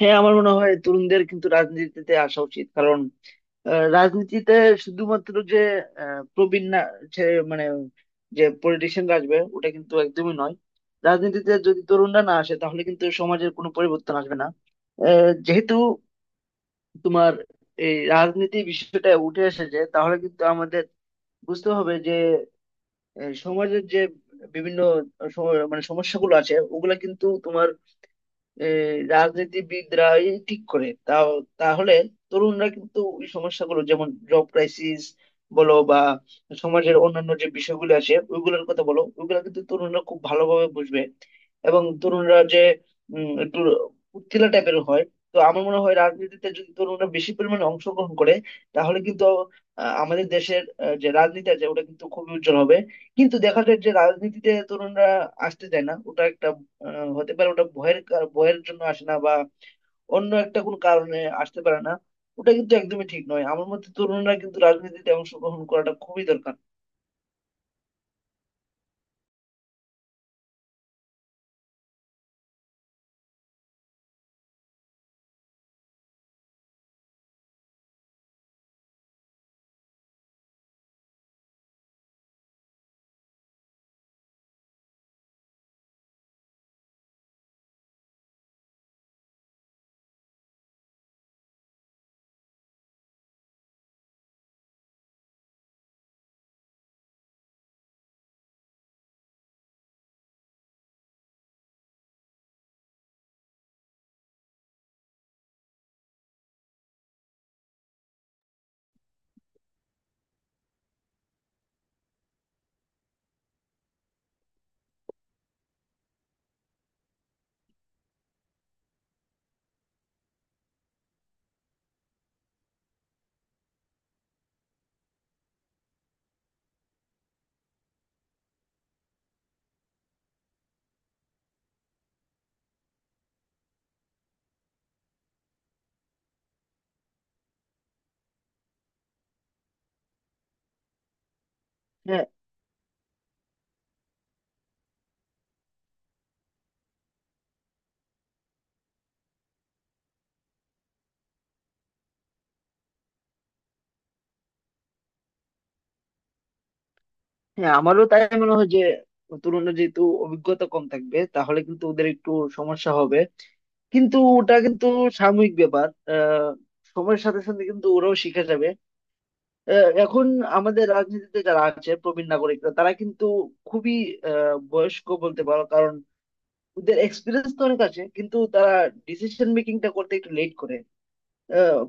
হ্যাঁ, আমার মনে হয় তরুণদের কিন্তু রাজনীতিতে আসা উচিত। কারণ রাজনীতিতে শুধুমাত্র যে প্রবীণ না, যে মানে যে পলিটিশিয়ানরা আসবে ওটা কিন্তু একদমই নয়। রাজনীতিতে যদি তরুণরা না আসে তাহলে কিন্তু সমাজের কোনো পরিবর্তন আসবে না। যেহেতু তোমার এই রাজনীতি বিষয়টা উঠে এসেছে তাহলে কিন্তু আমাদের বুঝতে হবে যে সমাজের যে বিভিন্ন মানে সমস্যাগুলো আছে ওগুলা কিন্তু তোমার, এ, রাজনীতিবিদরা এই রাজনীতিবিদরাই ঠিক করে তাও। তাহলে তরুণরা কিন্তু ওই সমস্যাগুলো, যেমন জব ক্রাইসিস বলো বা সমাজের অন্যান্য যে বিষয়গুলো আছে ওইগুলোর কথা বলো, ওইগুলো কিন্তু তরুণরা খুব ভালোভাবে বুঝবে। এবং তরুণরা যে একটু উত্তেলা টাইপের হয়। তো আমার মনে হয়, রাজনীতিতে যদি তরুণরা বেশি পরিমাণে অংশগ্রহণ করে তাহলে কিন্তু আমাদের দেশের যে রাজনীতি আছে ওটা কিন্তু খুবই উজ্জ্বল হবে। কিন্তু দেখা যায় যে রাজনীতিতে তরুণরা আসতে চায় না। ওটা একটা হতে পারে ওটা ভয়ের, ভয়ের জন্য আসে না, বা অন্য একটা কোনো কারণে আসতে পারে না। ওটা কিন্তু একদমই ঠিক নয়। আমার মতে তরুণরা কিন্তু রাজনীতিতে অংশগ্রহণ করাটা খুবই দরকার। হ্যাঁ, হ্যাঁ, আমারও তাই মনে হয় যে তরুণরা যেহেতু অভিজ্ঞতা কম থাকবে তাহলে কিন্তু ওদের একটু সমস্যা হবে, কিন্তু ওটা কিন্তু সাময়িক ব্যাপার। আহ সময়ের সাথে সাথে কিন্তু ওরাও শিখে যাবে। এখন আমাদের রাজনীতিতে যারা আছে প্রবীণ নাগরিকরা তারা কিন্তু খুবই বয়স্ক বলতে পারো। কারণ ওদের এক্সপিরিয়েন্স তো অনেক আছে, কিন্তু তারা ডিসিশন মেকিংটা করতে একটু লেট করে।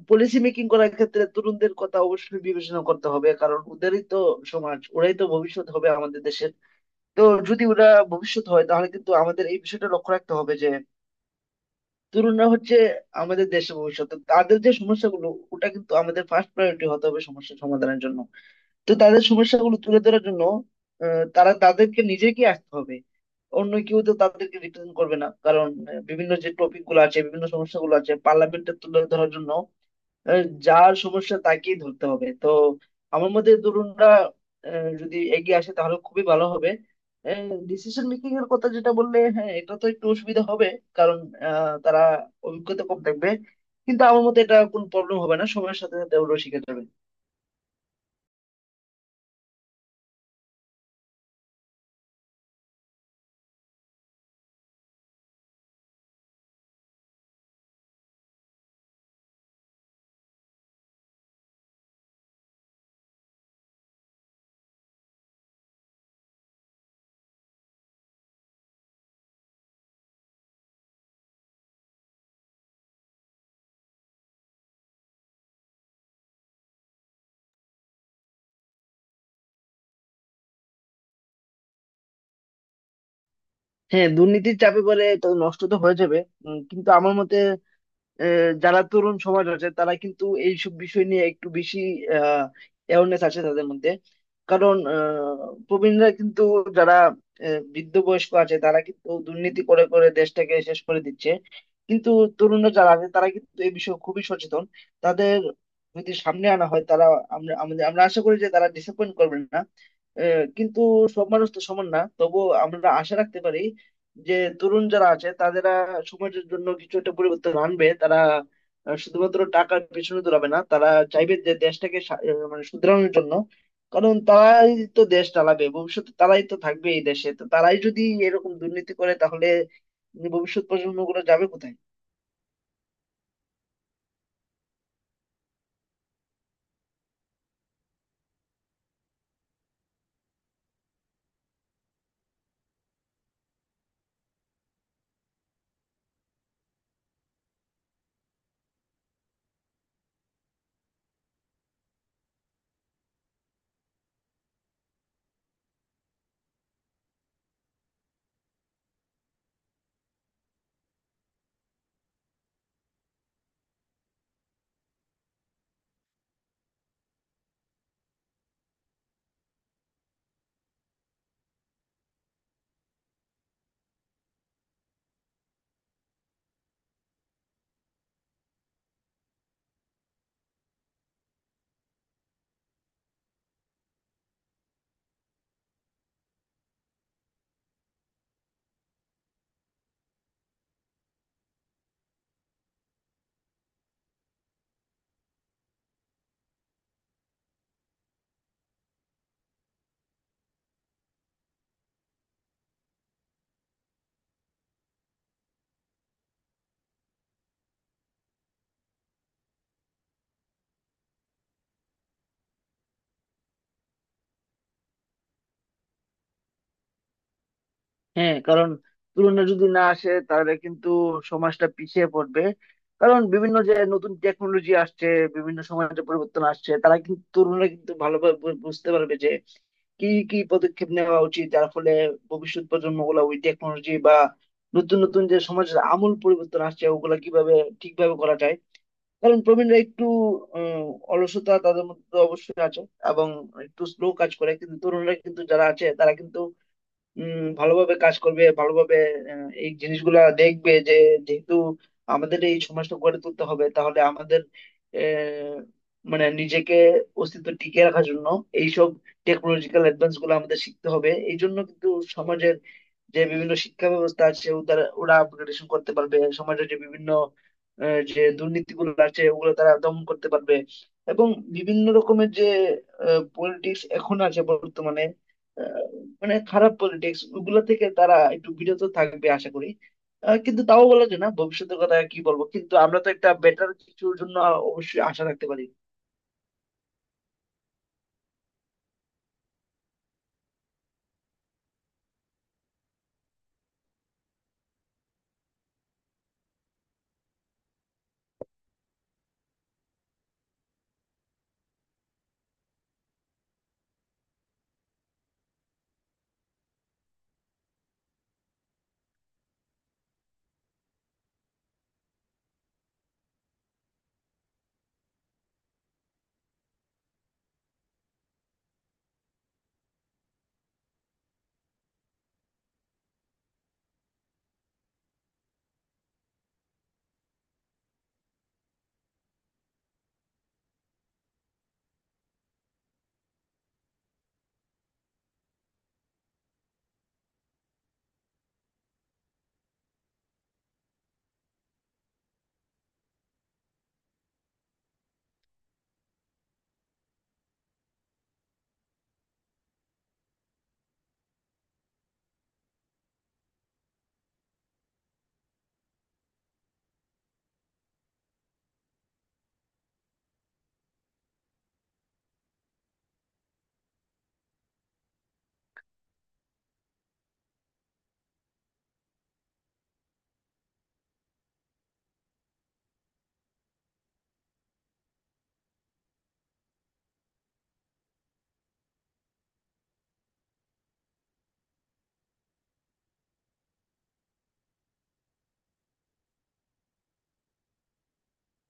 পলিসি মেকিং করার ক্ষেত্রে তরুণদের কথা অবশ্যই বিবেচনা করতে হবে, কারণ ওদেরই তো সমাজ, ওরাই তো ভবিষ্যৎ হবে আমাদের দেশের। তো যদি ওরা ভবিষ্যৎ হয় তাহলে কিন্তু আমাদের এই বিষয়টা লক্ষ্য রাখতে হবে যে তরুণরা হচ্ছে আমাদের দেশের ভবিষ্যৎ। তো তাদের যে সমস্যাগুলো, ওটা কিন্তু আমাদের ফার্স্ট প্রায়োরিটি হতে হবে সমস্যা সমাধানের জন্য। তো তাদের সমস্যাগুলো তুলে ধরার জন্য তারা তাদেরকে নিজেকে আসতে হবে। অন্য কেউ তো তাদেরকে রিপ্রেজেন্ট করবে না। কারণ বিভিন্ন যে টপিক গুলো আছে, বিভিন্ন সমস্যাগুলো আছে পার্লামেন্টে তুলে ধরার জন্য যার সমস্যা তাকেই ধরতে হবে। তো আমার মতে তরুণরা যদি এগিয়ে আসে তাহলে খুবই ভালো হবে। ডিসিশন মেকিং এর কথা যেটা বললে, হ্যাঁ, এটা তো একটু অসুবিধা হবে। কারণ তারা অভিজ্ঞতা কম থাকবে। কিন্তু আমার মতে এটা কোনো প্রবলেম হবে না, সময়ের সাথে সাথে ওগুলো শিখে যাবে। হ্যাঁ, দুর্নীতির চাপে বলে তো নষ্ট তো হয়ে যাবে। কিন্তু আমার মতে যারা তরুণ সমাজ আছে তারা কিন্তু এইসব বিষয় নিয়ে একটু বেশি অ্যাওয়ারনেস আছে তাদের মধ্যে। কারণ প্রবীণরা কিন্তু যারা বৃদ্ধ বয়স্ক আছে তারা কিন্তু দুর্নীতি করে করে দেশটাকে শেষ করে দিচ্ছে। কিন্তু তরুণরা যারা আছে তারা কিন্তু এই বিষয়ে খুবই সচেতন। তাদের যদি সামনে আনা হয় তারা আমরা আশা করি যে তারা ডিসঅ্যাপয়েন্ট করবেন না। কিন্তু সব মানুষ তো সমান না, তবুও আমরা আশা রাখতে পারি যে তরুণ যারা আছে তারা সমাজের জন্য কিছু একটা পরিবর্তন আনবে। তারা শুধুমাত্র টাকার পেছনে দৌড়াবে না। তারা চাইবে যে দেশটাকে মানে শুধরানোর জন্য। কারণ তারাই তো দেশ চালাবে ভবিষ্যতে, তারাই তো থাকবে এই দেশে। তো তারাই যদি এরকম দুর্নীতি করে তাহলে ভবিষ্যৎ প্রজন্ম গুলো যাবে কোথায়? হ্যাঁ, কারণ তরুণরা যদি না আসে তাহলে কিন্তু সমাজটা পিছিয়ে পড়বে। কারণ বিভিন্ন যে নতুন টেকনোলজি আসছে, বিভিন্ন সমাজে পরিবর্তন আসছে, তারা কিন্তু তরুণরা কিন্তু ভালোভাবে বুঝতে পারবে যে কি কি পদক্ষেপ নেওয়া উচিত, যার ফলে ভবিষ্যৎ প্রজন্ম গুলা ওই টেকনোলজি বা নতুন নতুন যে সমাজের আমূল পরিবর্তন আসছে ওগুলা কিভাবে ঠিকভাবে করা যায়। কারণ প্রবীণরা একটু উম, অলসতা তাদের মধ্যে তো অবশ্যই আছে, এবং একটু স্লো কাজ করে। কিন্তু তরুণরা কিন্তু যারা আছে তারা কিন্তু উম ভালোভাবে কাজ করবে, ভালোভাবে এই জিনিসগুলা দেখবে। যে যেহেতু আমাদের এই সমাজটা গড়ে তুলতে হবে, তাহলে আমাদের আহ, মানে নিজেকে অস্তিত্ব টিকিয়ে রাখার জন্য এইসব টেকনোলজিক্যাল অ্যাডভান্স গুলো আমাদের শিখতে হবে। এই জন্য কিন্তু সমাজের যে বিভিন্ন শিক্ষা ব্যবস্থা আছে ও ওরা আপগ্রেডেশন করতে পারবে। সমাজের যে বিভিন্ন যে দুর্নীতিগুলো আছে ওগুলো তারা দমন করতে পারবে। এবং বিভিন্ন রকমের যে পলিটিক্স এখন আছে বর্তমানে, মানে খারাপ পলিটিক্স ওগুলা থেকে তারা একটু বিরত থাকবে আশা করি। কিন্তু তাও বলা যায় না ভবিষ্যতের কথা কি বলবো, কিন্তু আমরা তো একটা বেটার কিছুর জন্য অবশ্যই আশা রাখতে পারি।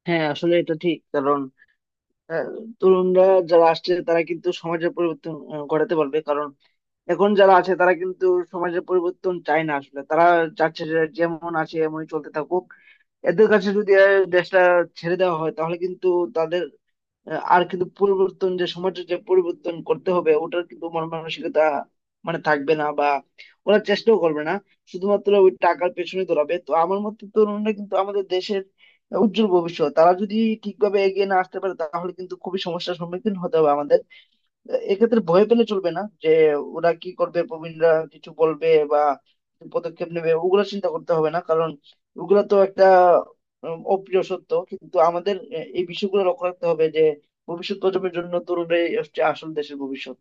হ্যাঁ, আসলে এটা ঠিক। কারণ আহ, তরুণরা যারা আসছে তারা কিন্তু সমাজের পরিবর্তন ঘটাতে পারবে। কারণ এখন যারা আছে তারা কিন্তু সমাজের পরিবর্তন চায় না। আসলে তারা চাচ্ছে যে যেমন আছে এমনই চলতে থাকুক। এদের কাছে যদি দেশটা ছেড়ে দেওয়া হয় তাহলে কিন্তু তাদের আর কিন্তু পরিবর্তন যে সমাজের যে পরিবর্তন করতে হবে ওটার কিন্তু মন মানসিকতা মানে থাকবে না, বা ওরা চেষ্টাও করবে না, শুধুমাত্র ওই টাকার পেছনে দৌড়াবে। তো আমার মতে তরুণরা কিন্তু আমাদের দেশের উজ্জ্বল ভবিষ্যৎ। তারা যদি ঠিকভাবে এগিয়ে না আসতে পারে তাহলে কিন্তু খুবই সমস্যার সম্মুখীন হতে হবে আমাদের। এক্ষেত্রে ভয় পেলে চলবে না যে ওরা কি করবে, প্রবীণরা কিছু বলবে বা কি পদক্ষেপ নেবে, ওগুলো চিন্তা করতে হবে না। কারণ ওগুলো তো একটা অপ্রিয় সত্য। কিন্তু আমাদের এই বিষয়গুলো লক্ষ্য রাখতে হবে যে ভবিষ্যৎ প্রজন্মের জন্য তরুণরাই হচ্ছে আসল দেশের ভবিষ্যৎ।